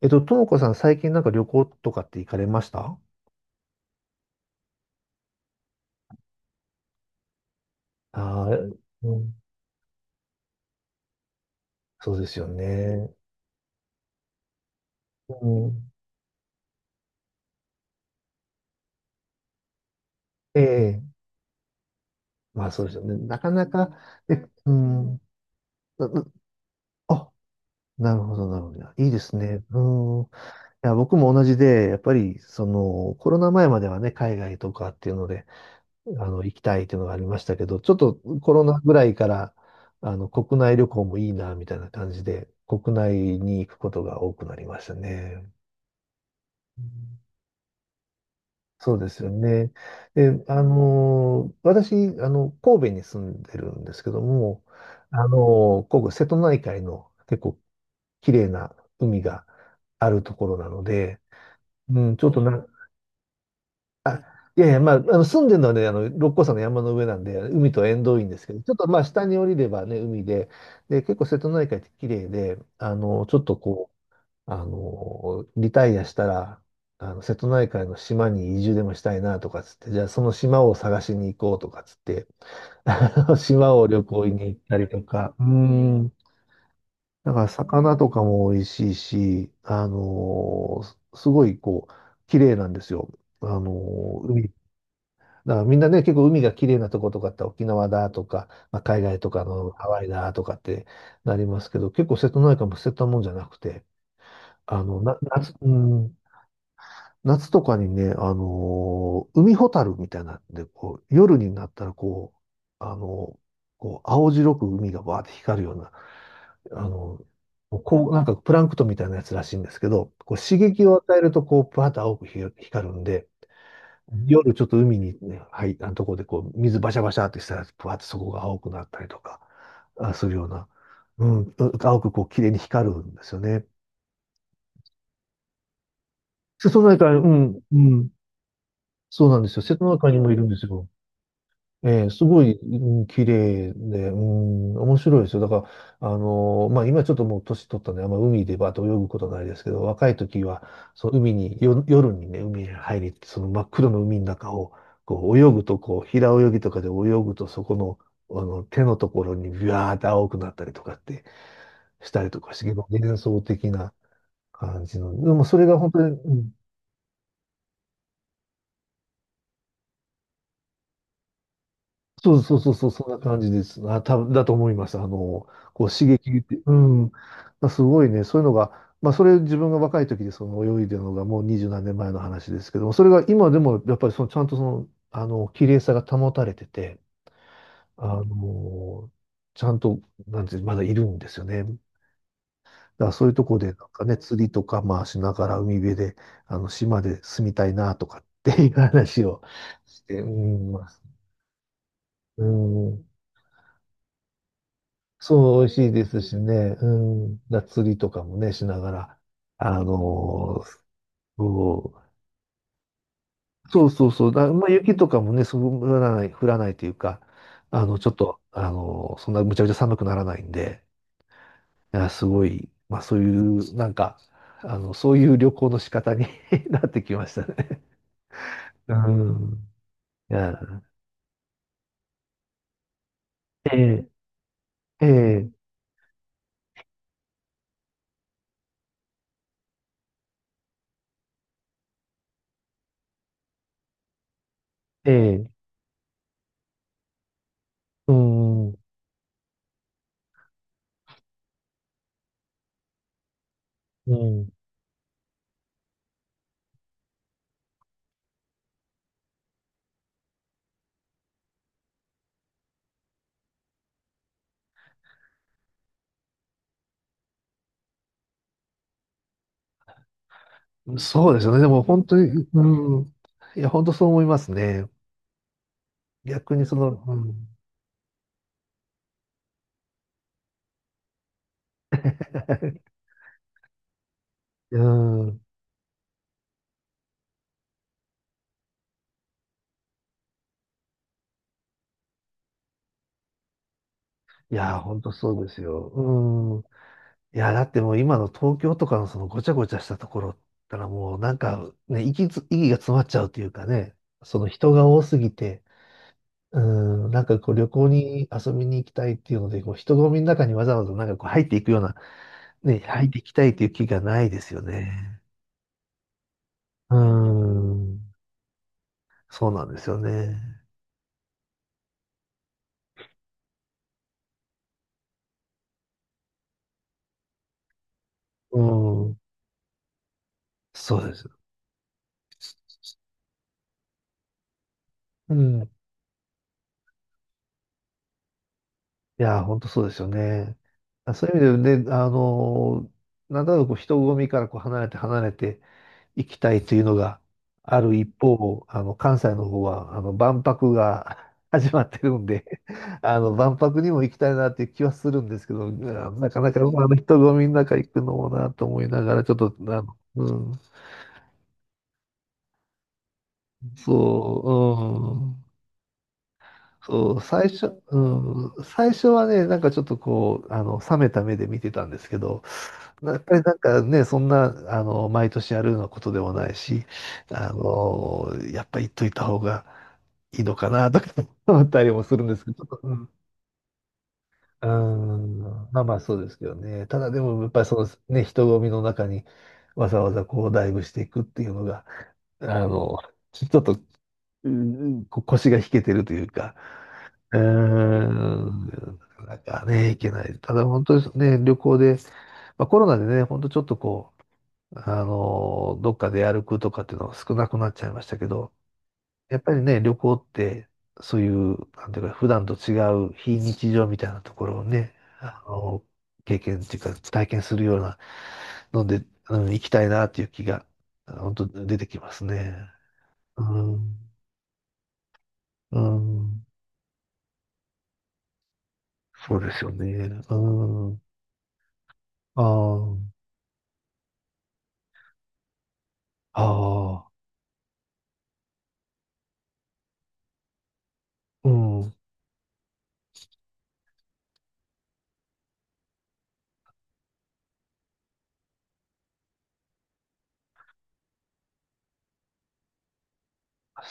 ともこさん、最近なんか旅行とかって行かれました？ああー、うん、そうですよね。うん、ええ、まあそうですよね。なかなか、え、うん、ななあ、なるほど、なるほど。いいですね。うん。いや、僕も同じで、やっぱり、コロナ前まではね、海外とかっていうので、行きたいっていうのがありましたけど、ちょっとコロナぐらいから、国内旅行もいいな、みたいな感じで、国内に行くことが多くなりましたね。うん、そうですよね。で、私、神戸に住んでるんですけども、神戸、瀬戸内海の結構綺麗な海があるところなので、うん、ちょっとな、あ、いやいや、まあ、住んでるのはね、六甲山の山の上なんで、海と縁遠いんですけど、ちょっとまあ、下に降りればね、海で、で、結構瀬戸内海って綺麗で、あの、ちょっとこう、あの、リタイアしたら、瀬戸内海の島に移住でもしたいなとかつって、じゃあその島を探しに行こうとかつって、島を旅行に行ったりとか、うん、だから魚とかも美味しいし、すごいこう、綺麗なんですよ。海。だからみんなね、結構海が綺麗なとことかって沖縄だとか、まあ、海外とかのハワイだとかってなりますけど、結構瀬戸内海も捨てたもんじゃなくて、夏、うん、夏とかにね、海ホタルみたいなんで、こう、夜になったら、う、あのー青白く海がバーって光るような、あのなんかプランクトンみたいなやつらしいんですけど、こう、刺激を与えると、こう、バーって青く光るんで、夜ちょっと海にね、入ったところで、こう、水バシャバシャってしたら、バーってそこが青くなったりとか、あ、するような、うん、青くこう、綺麗に光るんですよね。瀬戸内海、うん、うん、そうなんですよ。瀬戸内海にもいるんですよ。ええ、すごい、うん、綺麗で、うん、面白いですよ。だから、まあ、今ちょっともう年取ったんで、あんま海でバーッと泳ぐことないですけど、若い時は、その海に、夜にね、海に入り、その真っ黒の海の中を、こう、泳ぐと、こう、平泳ぎとかで泳ぐと、そこの、手のところにビワーって青くなったりとかってしたりとかして、結構幻想的な感じの、でもそれが本当に、うん、そうそうそうそう、そんな感じです。あ、多分だと思います。こう刺激って、うん。まあ、すごいね、そういうのが、まあ、それ自分が若い時でその泳いでるのがもう二十何年前の話ですけども、それが今でもやっぱりそのちゃんとその、綺麗さが保たれてて、あの、ちゃんと、なんていう、まだいるんですよね。だからそういうとこで、なんかね、釣りとか、まあ、しながら海辺で、島で住みたいなとかっていう話をして、うん、まあ、うん。そう、美味しいですしね、うん、だ釣りとかもね、しながら、あのーそう、そうそうそう、だ、まあ、雪とかもね、そう降らない、降らないというか、あの、ちょっと、あのーそんなむちゃくちゃ寒くならないんで、あ、すごい、まあ、そういう、なんか、そういう旅行の仕方に なってきましたね。うん。いや、ええ、ええ、ええ、うん、うん。そうですよね。でも本当に、うん。いや、本当そう思いますね。逆にその、うん。うん。いやー、ほんとそうですよ。うん。いやー、だってもう今の東京とかのそのごちゃごちゃしたところったらもうなんかね、息が詰まっちゃうというかね、その人が多すぎて、うん、なんかこう旅行に遊びに行きたいっていうので、こう人混みの中にわざわざなんかこう入っていくような、ね、入っていきたいという気がないですよね。うん。そうなんですよね。うん。そうです。うん。いやー、本当そうですよね。あ、そういう意味でね、なんだろう、こう人混みからこう離れていきたいというのがある一方、関西の方はあの万博が 始まってるんで 万博にも行きたいなっていう気はするんですけど、あー、なかなかあの人混みの中行くのもなと思いながら、ちょっと、そう、うん。そう、最初、うん、最初はね、なんかちょっとこう、冷めた目で見てたんですけど、やっぱりなんかね、そんな、毎年やるようなことでもないし、やっぱ言っといた方がいいのかな、とか思ったりもするんですけど、ちょっと、うん、うーん、まあまあそうですけどね。ただでも、やっぱりそのね、人混みの中にわざわざこう、ダイブしていくっていうのが、あの、ちょっと、うん、こ腰が引けてるというか、うーん、なかなかね、行けない。ただ本当にね、旅行で、まあ、コロナでね、本当ちょっとこう、あのどっかで歩くとかっていうのが少なくなっちゃいましたけど、やっぱりね、旅行って、そういう、なんていうか、普段と違う非日常みたいなところをね、経験っていうか、体験するようなので、うん、行きたいなっていう気が、本当出てきますね。うん、うん、そうですよね。うん、ああ。ああ、うん、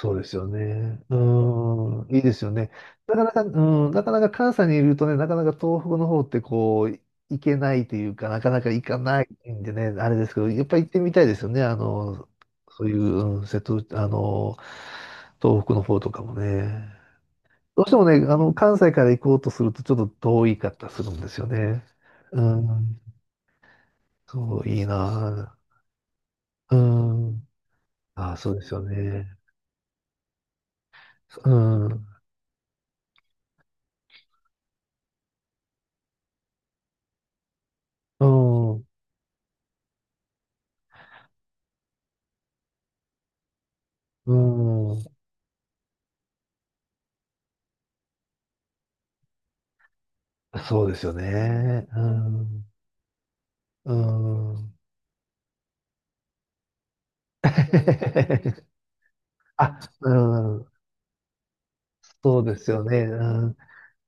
そうですよね。うん、いいですよね。なかなか、うん、なかなか関西にいるとね、なかなか東北の方ってこう、行けないというか、なかなか行かないんでね、あれですけど、やっぱり行ってみたいですよね。そういう、うん瀬戸、あの、東北の方とかもね。どうしてもね、関西から行こうとするとちょっと遠いかったりするんですよね。うん、そう、いいな。うん、ああ、そうですよね。うん。うん、うん、そうですよね。うん、うん。あ、うん、そうですよね。うん。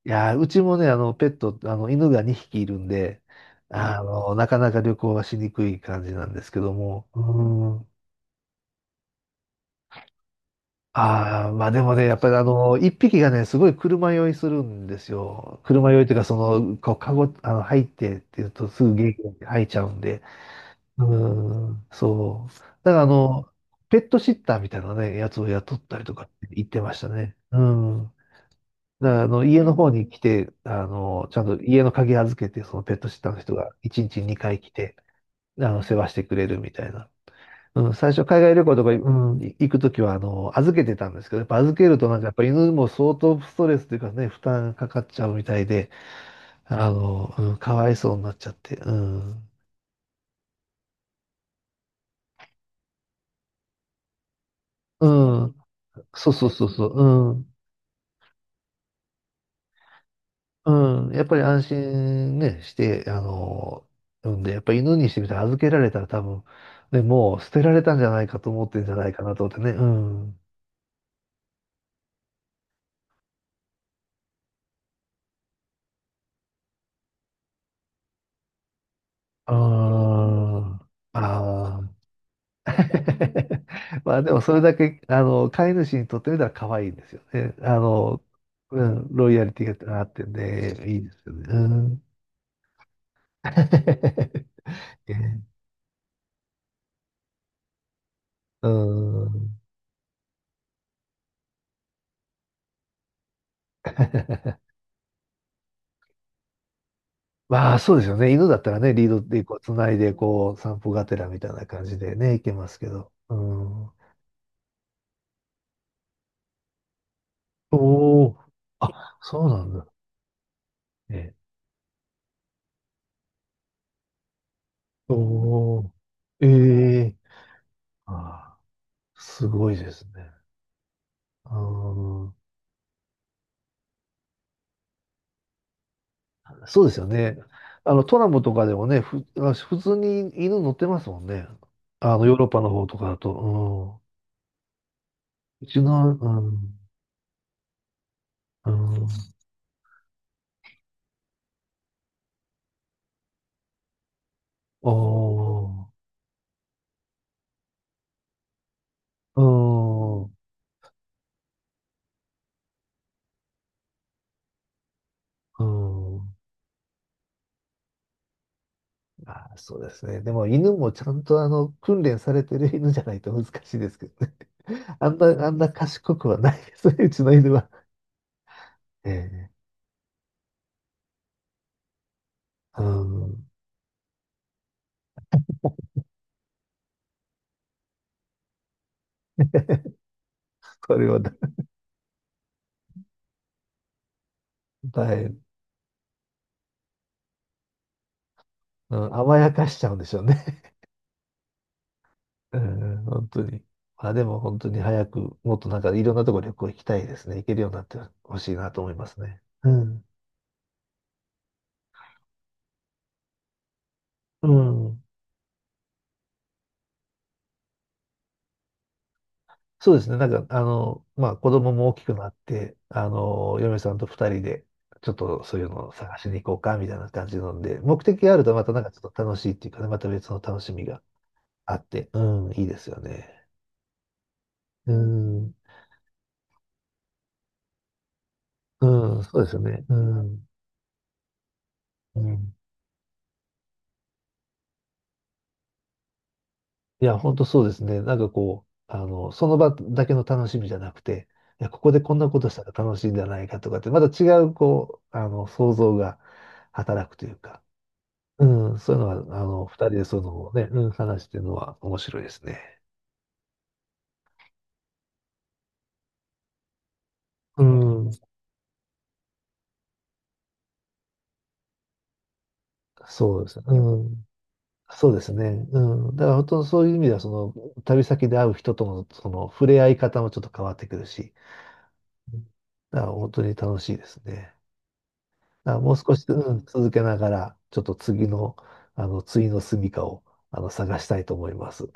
いやー、うちもね、あの、ペット、あの、犬が2匹いるんで、なかなか旅行はしにくい感じなんですけども。うん。ああ、まあでもね、やっぱりあの、1匹がね、すごい車酔いするんですよ。車酔いというか、その、こう、かあの、入ってっていうと、すぐ元気に吐いちゃうんで。うん、そう。だからペットシッターみたいなね、やつを雇ったりとかって言ってましたね。うん。だからあの、家の方に来て、ちゃんと家の鍵預けて、そのペットシッターの人が1日2回来て、世話してくれるみたいな。うん。最初海外旅行とか、うん、行くときは、預けてたんですけど、やっぱ預けるとなんかやっぱ犬も相当ストレスというかね、負担かかっちゃうみたいで、うん、かわいそうになっちゃって、うん。うん。そうそうそうそう。うん。うん、やっぱり安心ね、して、産んで、やっぱり犬にしてみたら預けられたら多分、ね、もう捨てられたんじゃないかと思ってんじゃないかなと思ってね、うん。うん。ああ。まあでもそれだけ、飼い主にとってみたら可愛いんですよね。うん、ロイヤリティがあってんで、いいですよね。うん。ねうん。まあ、そうですよね。犬だったらね、リードでこう、繋いで、こう、散歩がてらみたいな感じでね、行けますけど。うん。おお。あ、そうなんだ。ええ。おお。ええ。ああ、すごいですね。うん。そうですよね。トラムとかでもね、普通に犬乗ってますもんね。ヨーロッパの方とかだと。うん。うちの、うん。うん。おお。うん。うん。ああ、そうですね。でも犬もちゃんとあの訓練されてる犬じゃないと難しいですけどね。あんな賢くはないですね、うちの犬は。ええうん。それはだ、だい、うん、甘やかしちゃうんでしょうね。うん、本当に。まあでも本当に早く、もっとなんかいろんなとこ旅行行きたいですね。行けるようになってほしいなと思いますね。うん。うん。そうですね。なんか、まあ、子供も大きくなって、嫁さんと二人で、ちょっとそういうのを探しに行こうか、みたいな感じなので、目的があるとまたなんかちょっと楽しいっていうかね、また別の楽しみがあって、うん、いいですよね。うん、うん、そうですよね。うん、うん。いや、本当そうですね。なんかこう、その場だけの楽しみじゃなくて、いや、ここでこんなことしたら楽しいんじゃないかとかって、また違う、こう、想像が働くというか、うん、そういうのは、二人でそのね、うん、話してるのは面白いですね。うん、そうですね。うん、そうですね。うん、だから本当そういう意味では、その、旅先で会う人との、その、触れ合い方もちょっと変わってくるし、だから本当に楽しいですね。だからもう少し、うん、続けながら、ちょっと次の、次の住処を、探したいと思います。